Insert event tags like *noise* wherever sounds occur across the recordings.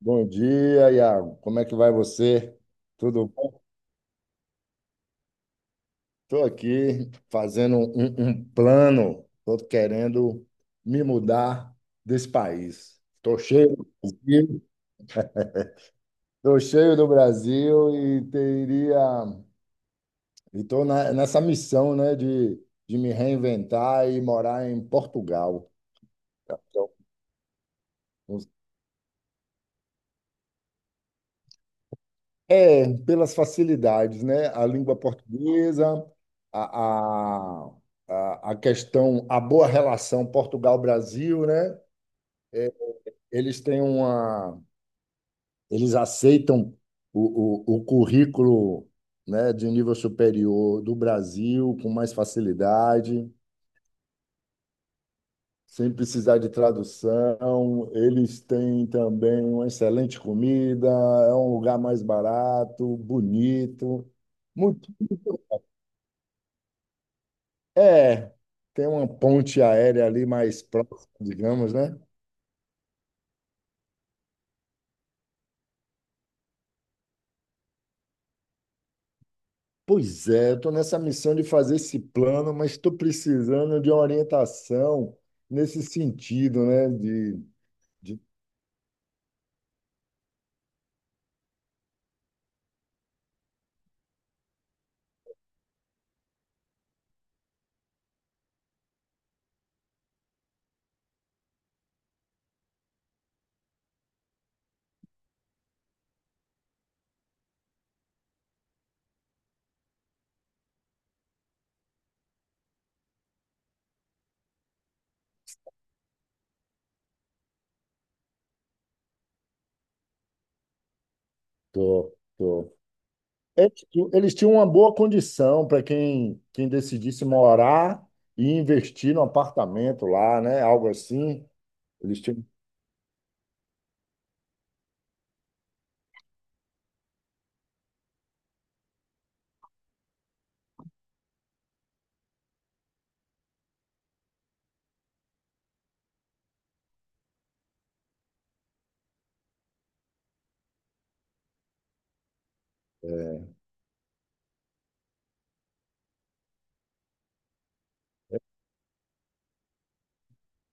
Bom dia, Iago. Como é que vai você? Tudo bom? Estou aqui fazendo um plano. Estou querendo me mudar desse país. Estou cheio do Brasil, estou cheio do Brasil e teria. Estou nessa missão, né, de me reinventar e morar em Portugal. Então, é, pelas facilidades, né? A língua portuguesa, a, a, a questão, a boa relação Portugal-Brasil, né? É, eles têm uma, eles aceitam o currículo, né, de nível superior do Brasil com mais facilidade, sem precisar de tradução. Eles têm também uma excelente comida, é um lugar mais barato, bonito. Muito é, tem uma ponte aérea ali mais próxima, digamos, né? Pois é, estou nessa missão de fazer esse plano, mas estou precisando de uma orientação nesse sentido, né? De... Tô, tô. É que eles tinham uma boa condição para quem decidisse morar e investir num apartamento lá, né? Algo assim. Eles tinham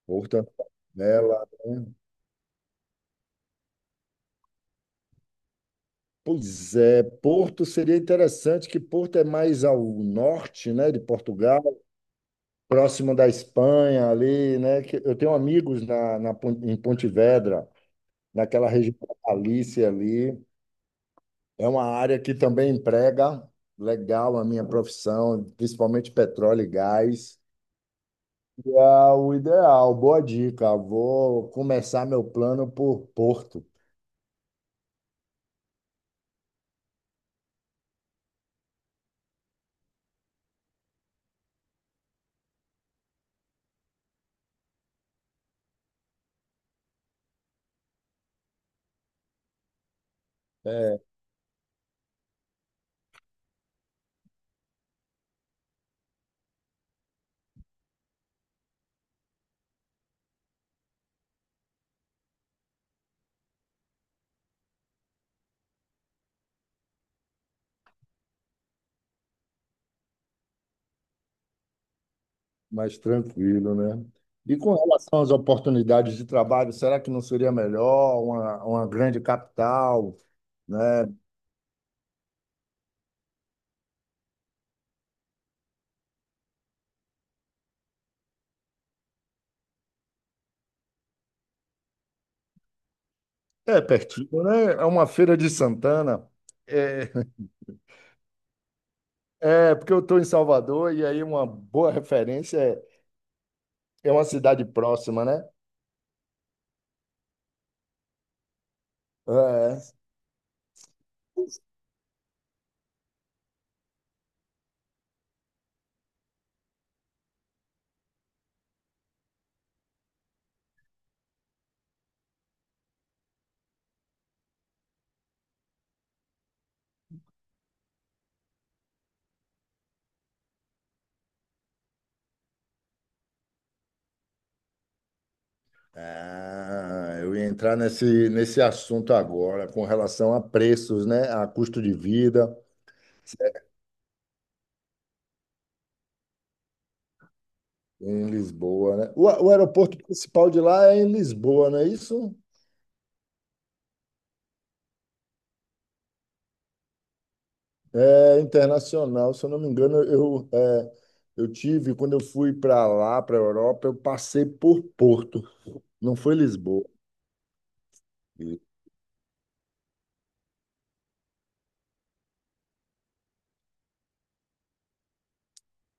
porta, janela. Pois é, Porto seria interessante, que Porto é mais ao norte, né, de Portugal, próximo da Espanha ali, né, que eu tenho amigos na em Pontevedra, naquela região da Galícia ali, é uma área que também emprega legal a minha profissão, principalmente petróleo e gás, e é o ideal, boa dica, vou começar meu plano por Porto. É, mais tranquilo, né? E com relação às oportunidades de trabalho, será que não seria melhor uma grande capital, né? É pertinho, né? É uma feira de Santana. É, é porque eu estou em Salvador e aí uma boa referência é, é uma cidade próxima, né? É. Ah, eu ia entrar nesse assunto agora, com relação a preços, né? A custo de vida em Lisboa, né? O, o aeroporto principal de lá é em Lisboa, não é isso? É internacional, se eu não me engano, eu, é, eu tive, quando eu fui para lá, para a Europa, eu passei por Porto, não foi Lisboa. E,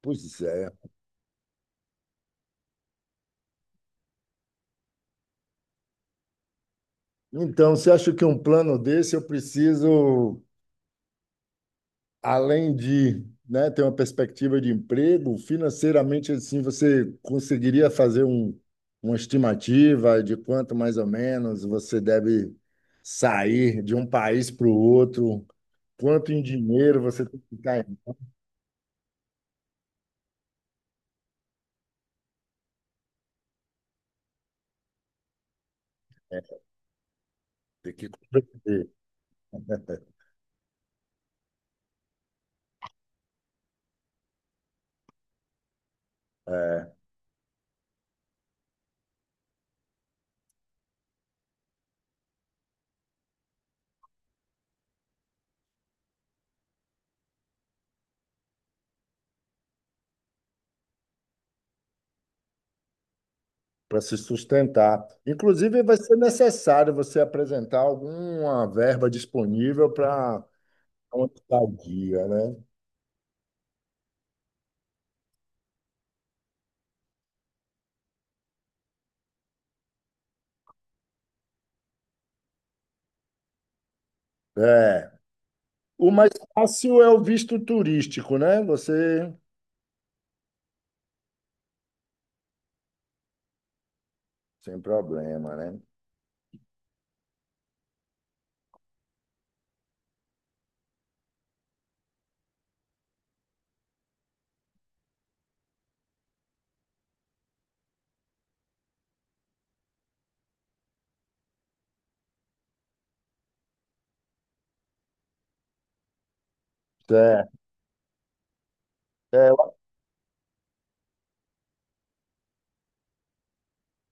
pois é. Então, você acha que um plano desse eu preciso, além de, né, ter uma perspectiva de emprego, financeiramente, assim, você conseguiria fazer um, uma estimativa de quanto mais ou menos você deve sair de um país para o outro? Quanto em dinheiro você tem que ficar? Tem que e, é, para se sustentar. Inclusive, vai ser necessário você apresentar alguma verba disponível para uma estadia, né? É. O mais fácil é o visto turístico, né? Você, sem problema, né? É, é,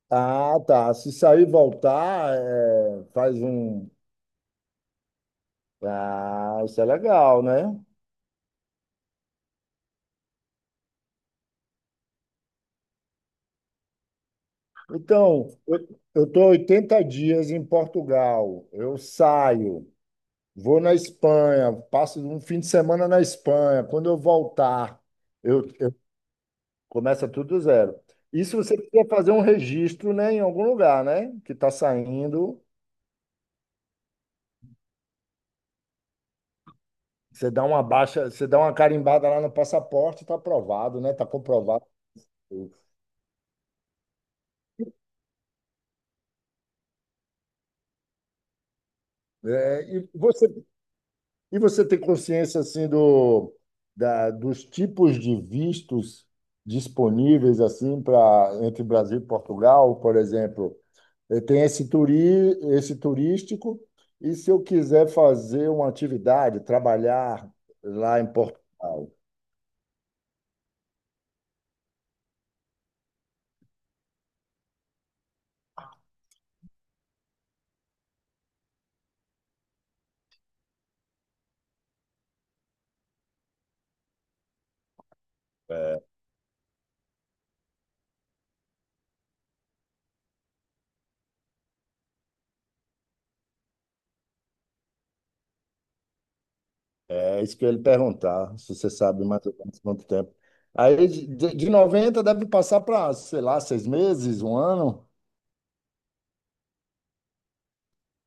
ah, tá. Se sair e voltar, é, faz um. Ah, isso é legal, né? Então, eu estou 80 dias em Portugal. Eu saio. Vou na Espanha, passo um fim de semana na Espanha. Quando eu voltar, eu, começa tudo do zero. Isso você precisa fazer um registro, né, em algum lugar, né? Que está saindo. Você dá uma baixa, você dá uma carimbada lá no passaporte, está aprovado, né? Está comprovado. É, e você tem consciência assim do, da, dos tipos de vistos disponíveis assim para entre Brasil e Portugal, por exemplo? Eh, tem esse, esse turístico, e se eu quiser fazer uma atividade, trabalhar lá em Portugal, é é isso que eu ia lhe perguntar, se você sabe mais ou menos quanto tempo. Aí, de 90 deve passar para, sei lá, 6 meses, 1 ano?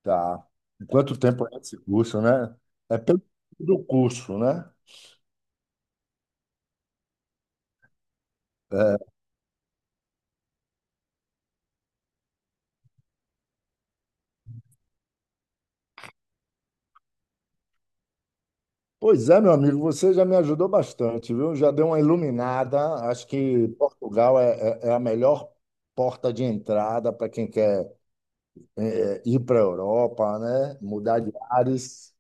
Tá. Quanto tempo é esse curso, né? É pelo do curso, né? É. Pois é, meu amigo, você já me ajudou bastante, viu? Já deu uma iluminada. Acho que Portugal é, é a melhor porta de entrada para quem quer é, ir para a Europa, né? Mudar de ares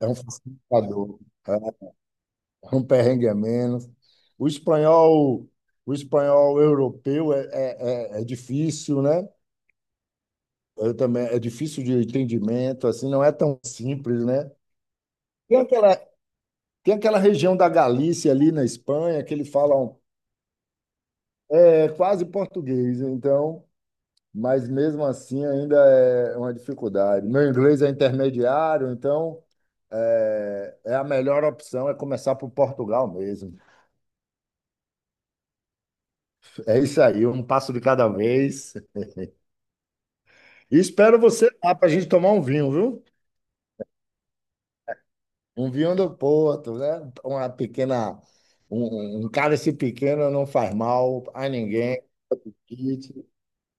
é um facilitador, é um perrengue a menos. O espanhol, o espanhol europeu é, é, é difícil, né? Eu também, é difícil de entendimento, assim, não é tão simples, né? Tem aquela, tem aquela região da Galícia ali na Espanha que ele fala um é quase português, então, mas mesmo assim ainda é uma dificuldade. Meu inglês é intermediário, então é, é a melhor opção é começar por Portugal mesmo. É isso aí, um passo de cada vez. E espero você lá para a gente tomar um vinho, viu? Um vinho do Porto, né? Uma pequena, um cálice pequeno não faz mal a ninguém e,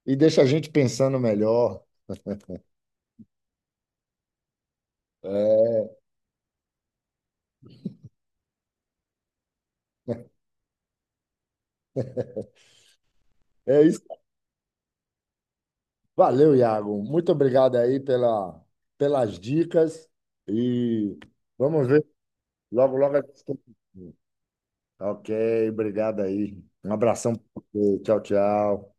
e deixa a gente pensando melhor. *laughs* É é isso. Valeu, Iago. Muito obrigado aí pela, pelas dicas e vamos ver logo, logo. A gente tem- que- Ok, obrigado aí. Um abração. Pra você. Tchau, tchau.